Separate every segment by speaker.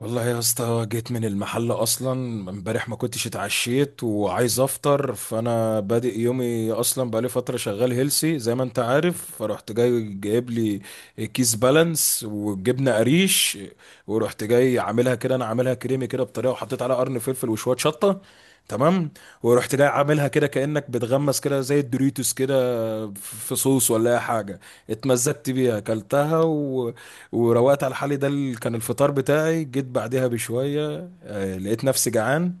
Speaker 1: والله يا اسطى جيت من المحل اصلا. امبارح ما كنتش اتعشيت وعايز افطر، فانا بادئ يومي اصلا. بقالي فتره شغال هيلسي زي ما انت عارف، فرحت جاي جايب لي كيس بالانس وجبنه قريش. ورحت جاي عاملها كده، انا عاملها كريمي كده بطريقه، وحطيت عليها قرن فلفل وشويه شطه. تمام. ورحت جاي عاملها كده كانك بتغمس كده زي الدوريتوس كده في صوص ولا اي حاجه. اتمزجت بيها، اكلتها وروقت على حالي. ده اللي كان الفطار بتاعي. جيت بعدها بشوية، لقيت نفسي جعان.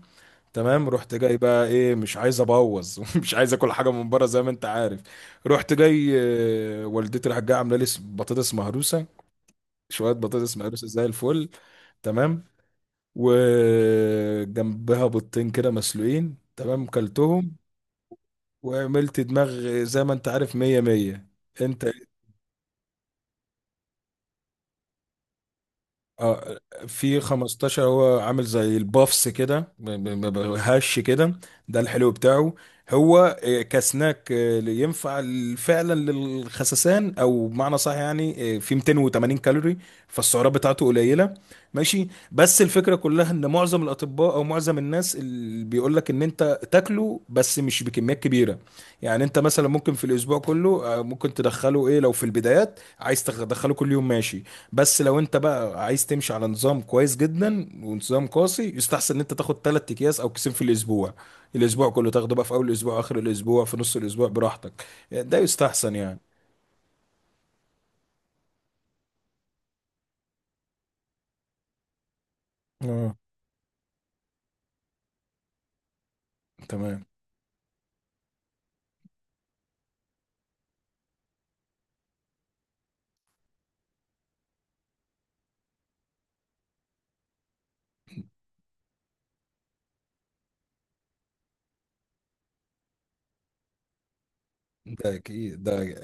Speaker 1: تمام، رحت جاي بقى ايه، مش عايز ابوظ. مش عايز اكل حاجه من بره زي ما انت عارف. رحت جاي، والدتي راحت جايه عامله لي بطاطس مهروسه، شويه بطاطس مهروسه زي الفل. تمام، وجنبها بيضتين كده مسلوقين. تمام، كلتهم وعملت دماغ زي ما انت عارف، مية مية. انت. اه. في 15، هو عامل زي البافس كده، هش كده. ده الحلو بتاعه. هو كسناك، ينفع فعلا للخسسان او بمعنى صح، يعني في 280 كالوري، فالسعرات بتاعته قليله. ماشي، بس الفكره كلها ان معظم الاطباء او معظم الناس اللي بيقول لك ان انت تاكله بس مش بكميات كبيره. يعني انت مثلا ممكن في الاسبوع كله، ممكن تدخله ايه، لو في البدايات عايز تدخله كل يوم ماشي. بس لو انت بقى عايز تمشي على نظام كويس جدا ونظام قاسي، يستحسن ان انت تاخد ثلاث اكياس او كيسين في الاسبوع. الاسبوع كله تاخده بقى في اول الاسبوع، اخر الاسبوع، في نص الاسبوع، براحتك. ده يستحسن يعني. اه، تمام. ده اكيد ده.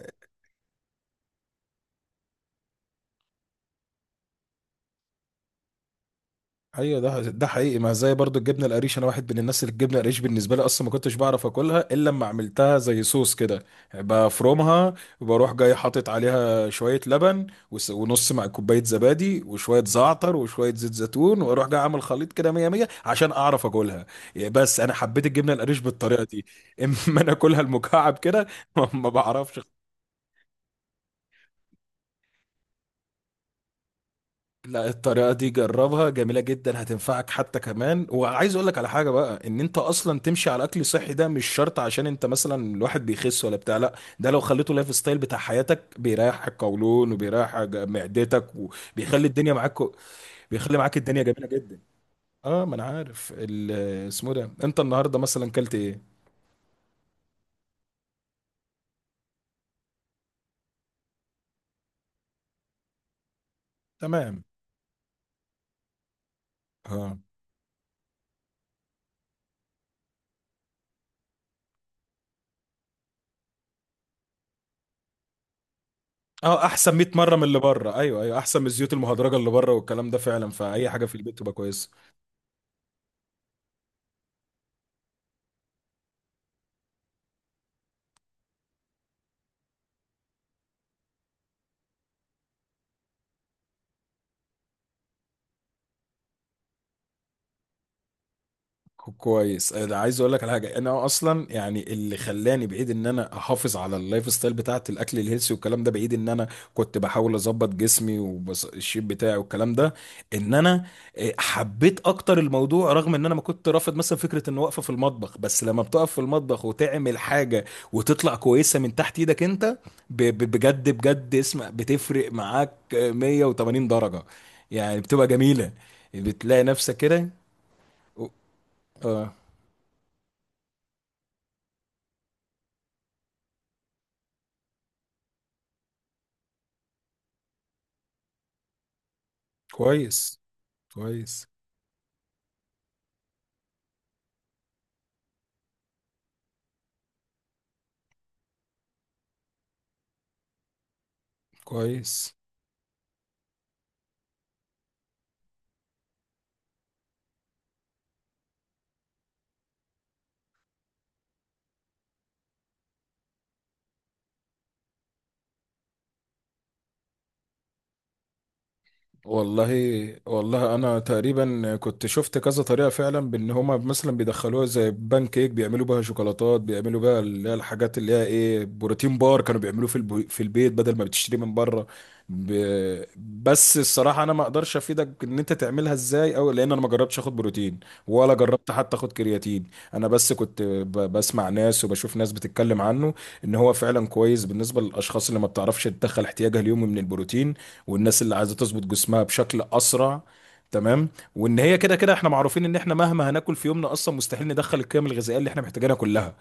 Speaker 1: ايوه، ده حقيقي. ما زي برضو الجبنه القريش، انا واحد من الناس اللي الجبنه القريش بالنسبه لي اصلا ما كنتش بعرف اكلها الا لما عملتها زي صوص كده. بفرمها وبروح جاي حاطط عليها شويه لبن ونص مع كوبايه زبادي وشويه زعتر وشويه زيت زيتون، واروح جاي عامل خليط كده، مية مية، عشان اعرف اكلها. بس انا حبيت الجبنه القريش بالطريقه دي. اما انا اكلها المكعب كده ما بعرفش. لا، الطريقة دي جربها، جميلة جدا، هتنفعك حتى. كمان وعايز اقول لك على حاجة بقى، ان انت اصلا تمشي على اكل صحي ده مش شرط عشان انت مثلا الواحد بيخس ولا بتاع. لا، ده لو خليته لايف ستايل بتاع حياتك، بيريح القولون وبيريح معدتك وبيخلي الدنيا معاك. بيخلي معاك الدنيا جميلة جدا. اه، ما انا عارف اسمه ده. انت النهاردة مثلا كلت ايه؟ تمام. اه. اه، احسن 100 مرة من اللي بره. ايوه ايوه، احسن من الزيوت المهدرجة اللي بره والكلام ده فعلا، فاي حاجة في البيت تبقى كويسة. كويس. انا عايز اقول لك على حاجه، انا اصلا يعني اللي خلاني بعيد ان انا احافظ على اللايف ستايل بتاعت الاكل الهيلثي والكلام ده، بعيد ان انا كنت بحاول اظبط جسمي والشيب بتاعي والكلام ده، ان انا حبيت اكتر الموضوع. رغم ان انا ما كنت رافض مثلا فكره ان واقفه في المطبخ، بس لما بتقف في المطبخ وتعمل حاجه وتطلع كويسه من تحت ايدك انت، بجد بجد اسم بتفرق معاك، 180 درجه، يعني بتبقى جميله، بتلاقي نفسك كده. كويس. كويس. كويس. والله والله، انا تقريبا كنت شفت كذا طريقه فعلا بان هما مثلا بيدخلوها زي بان كيك، بيعملوا بها شوكولاتات، بيعملوا بها اللي هي الحاجات اللي هي ايه، بروتين بار، كانوا بيعملوه في في البيت بدل ما بتشتري من بره. ب... بس الصراحه انا ما اقدرش افيدك ان انت تعملها ازاي او، لان انا ما جربتش اخد بروتين ولا جربت حتى اخد كرياتين. انا بس كنت بسمع ناس وبشوف ناس بتتكلم عنه، ان هو فعلا كويس بالنسبه للاشخاص اللي ما بتعرفش تدخل احتياجها اليومي من البروتين، والناس اللي عايزه تظبط جسمها بشكل اسرع. تمام. وان هي كده كده احنا معروفين ان احنا مهما هناكل في يومنا اصلا مستحيل ندخل القيم الغذائيه اللي احنا محتاجينها كلها،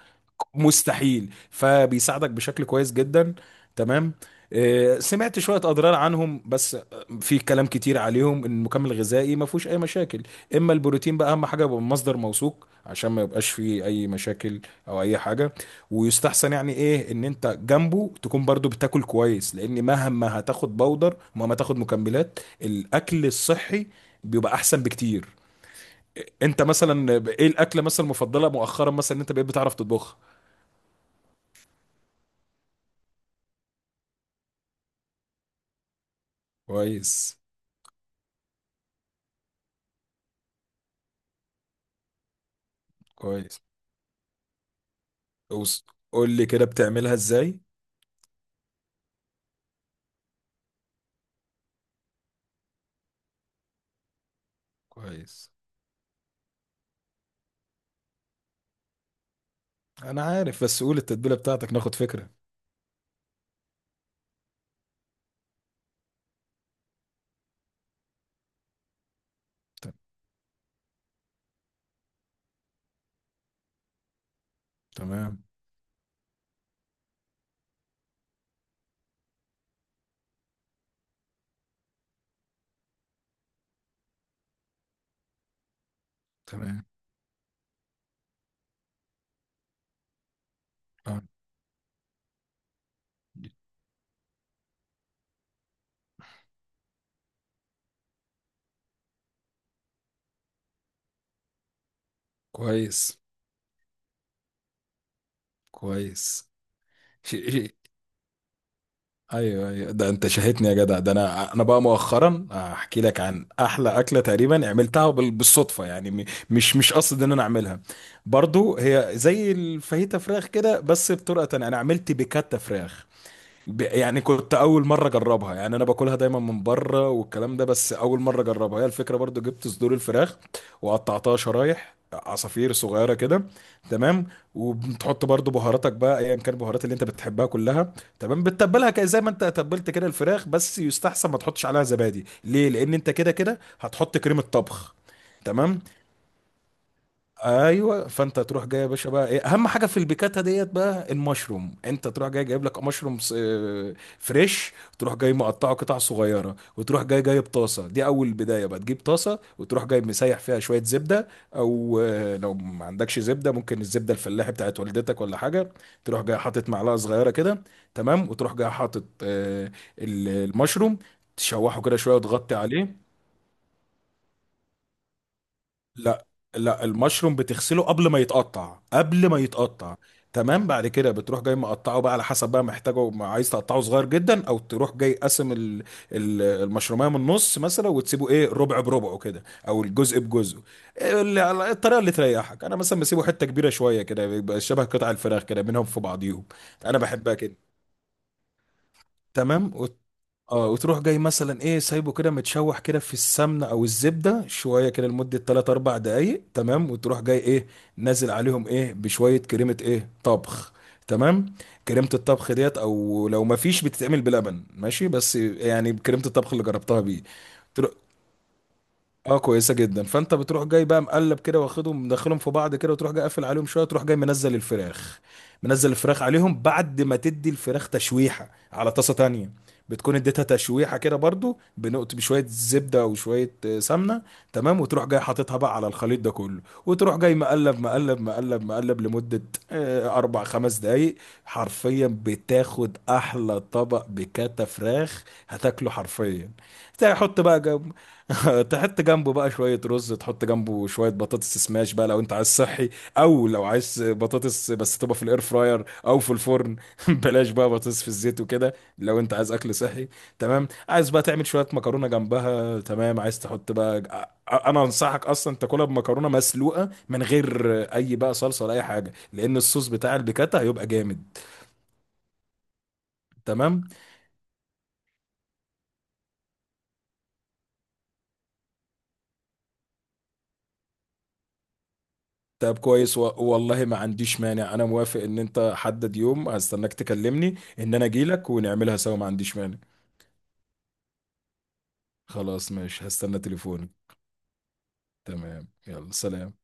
Speaker 1: مستحيل، فبيساعدك بشكل كويس جدا. تمام. سمعت شوية أضرار عنهم بس في كلام كتير عليهم إن المكمل الغذائي ما فيهوش أي مشاكل. إما البروتين بقى أهم حاجة يبقى من مصدر موثوق عشان ما يبقاش فيه أي مشاكل أو أي حاجة. ويستحسن يعني ايه ان انت جنبه تكون برضو بتاكل كويس، لان مهما هتاخد بودر ومهما تاخد مكملات، الاكل الصحي بيبقى احسن بكتير. انت مثلا ايه الاكله مثلا المفضله مؤخرا مثلا ان انت بقيت بتعرف تطبخها؟ كويس. كويس. أوس- قول لي كده بتعملها ازاي. كويس. انا عارف، بس قول التتبيله بتاعتك ناخد فكره. ت- تمام. تمام. آه. كويس. كويس. ايوه ايوه، ده انت شاهدني يا جدع. ده انا بقى مؤخرا احكي لك عن احلى اكله تقريبا عملتها بالصدفه يعني، مش قصد ان انا اعملها. برضو هي زي الفاهيتا فراخ كده بس بطرقه تانية، انا عملت بيكاتا فراخ. يعني كنت اول مره اجربها، يعني انا باكلها دايما من بره والكلام ده، بس اول مره اجربها. هي الفكره برضو، جبت صدور الفراخ وقطعتها شرايح عصافير صغيره كده. تمام. وبتحط برضو بهاراتك بقى، ايا كان البهارات اللي انت بتحبها كلها. تمام، بتتبلها كده زي ما انت تبلت كده الفراخ، بس يستحسن ما تحطش عليها زبادي، ليه؟ لان انت كده كده هتحط كريمه طبخ. تمام. ايوه، فانت تروح جاي يا باشا بقى، ايه اهم حاجه في البيكاتا ديت بقى؟ المشروم. انت تروح جاي جايب لك مشروم فريش، تروح جاي مقطعه قطع صغيره. وتروح جاي جايب طاسه، دي اول بدايه بقى، تجيب طاسه وتروح جاي مسيح فيها شويه زبده، او لو ما عندكش زبده ممكن الزبده الفلاحي بتاعت والدتك ولا حاجه. تروح جاي حاطط معلقه صغيره كده. تمام. وتروح جاي حاطط المشروم، تشوحه كده شويه وتغطي عليه. لا لا المشروم بتغسله قبل ما يتقطع، قبل ما يتقطع. تمام. بعد كده بتروح جاي مقطعه بقى على حسب بقى محتاجه، ما عايز تقطعه صغير جدا، او تروح جاي قاسم المشروميه من النص مثلا، وتسيبه ايه، ربع بربعه كده او الجزء بجزء. إيه اللي الطريقه اللي تريحك. انا مثلا بسيبه حته كبيره شويه كده، بيبقى شبه قطع الفراخ كده منهم في بعضيهم. انا بحبها كده. تمام. اه، وتروح جاي مثلا ايه، سايبه كده متشوح كده في السمنه او الزبده شويه كده لمده 3 4 دقائق. تمام، وتروح جاي ايه، نازل عليهم ايه بشويه كريمه ايه طبخ. تمام. كريمه الطبخ ديت، او لو ما فيش بتتعمل بلبن ماشي، بس يعني كريمه الطبخ اللي جربتها بيه. تروح. اه، كويسه جدا. فانت بتروح جاي بقى مقلب كده واخدهم مدخلهم في بعض كده، وتروح جاي قافل عليهم شويه. تروح جاي منزل الفراخ، منزل الفراخ عليهم بعد ما تدي الفراخ تشويحه على طاسه تانية. بتكون اديتها تشويحه كده برضو، بنقط بشويه زبده وشويه سمنه. تمام. وتروح جاي حاططها بقى على الخليط ده كله، وتروح جاي مقلب مقلب مقلب مقلب لمده اربع خمس دقايق. حرفيا بتاخد احلى طبق بكاتا فراخ، هتاكله حرفيا. تحط بقى تحط جنبه بقى شوية رز، تحط جنبه شوية بطاطس سماش بقى لو انت عايز صحي، او لو عايز بطاطس بس تبقى في الاير فراير او في الفرن. بلاش بقى بطاطس في الزيت وكده لو انت عايز اكل صحي. تمام، عايز بقى تعمل شوية مكرونة جنبها. تمام، عايز تحط بقى، انا انصحك اصلا تاكلها بمكرونة مسلوقة من غير اي بقى صلصة ولا اي حاجة، لان الصوص بتاع البيكاتا هيبقى جامد. تمام. طب كويس والله ما عنديش مانع، انا موافق. ان انت حدد يوم هستناك، تكلمني ان انا اجيلك ونعملها سوا، ما عنديش مانع. خلاص ماشي، هستنى تليفونك. تمام، يلا سلام.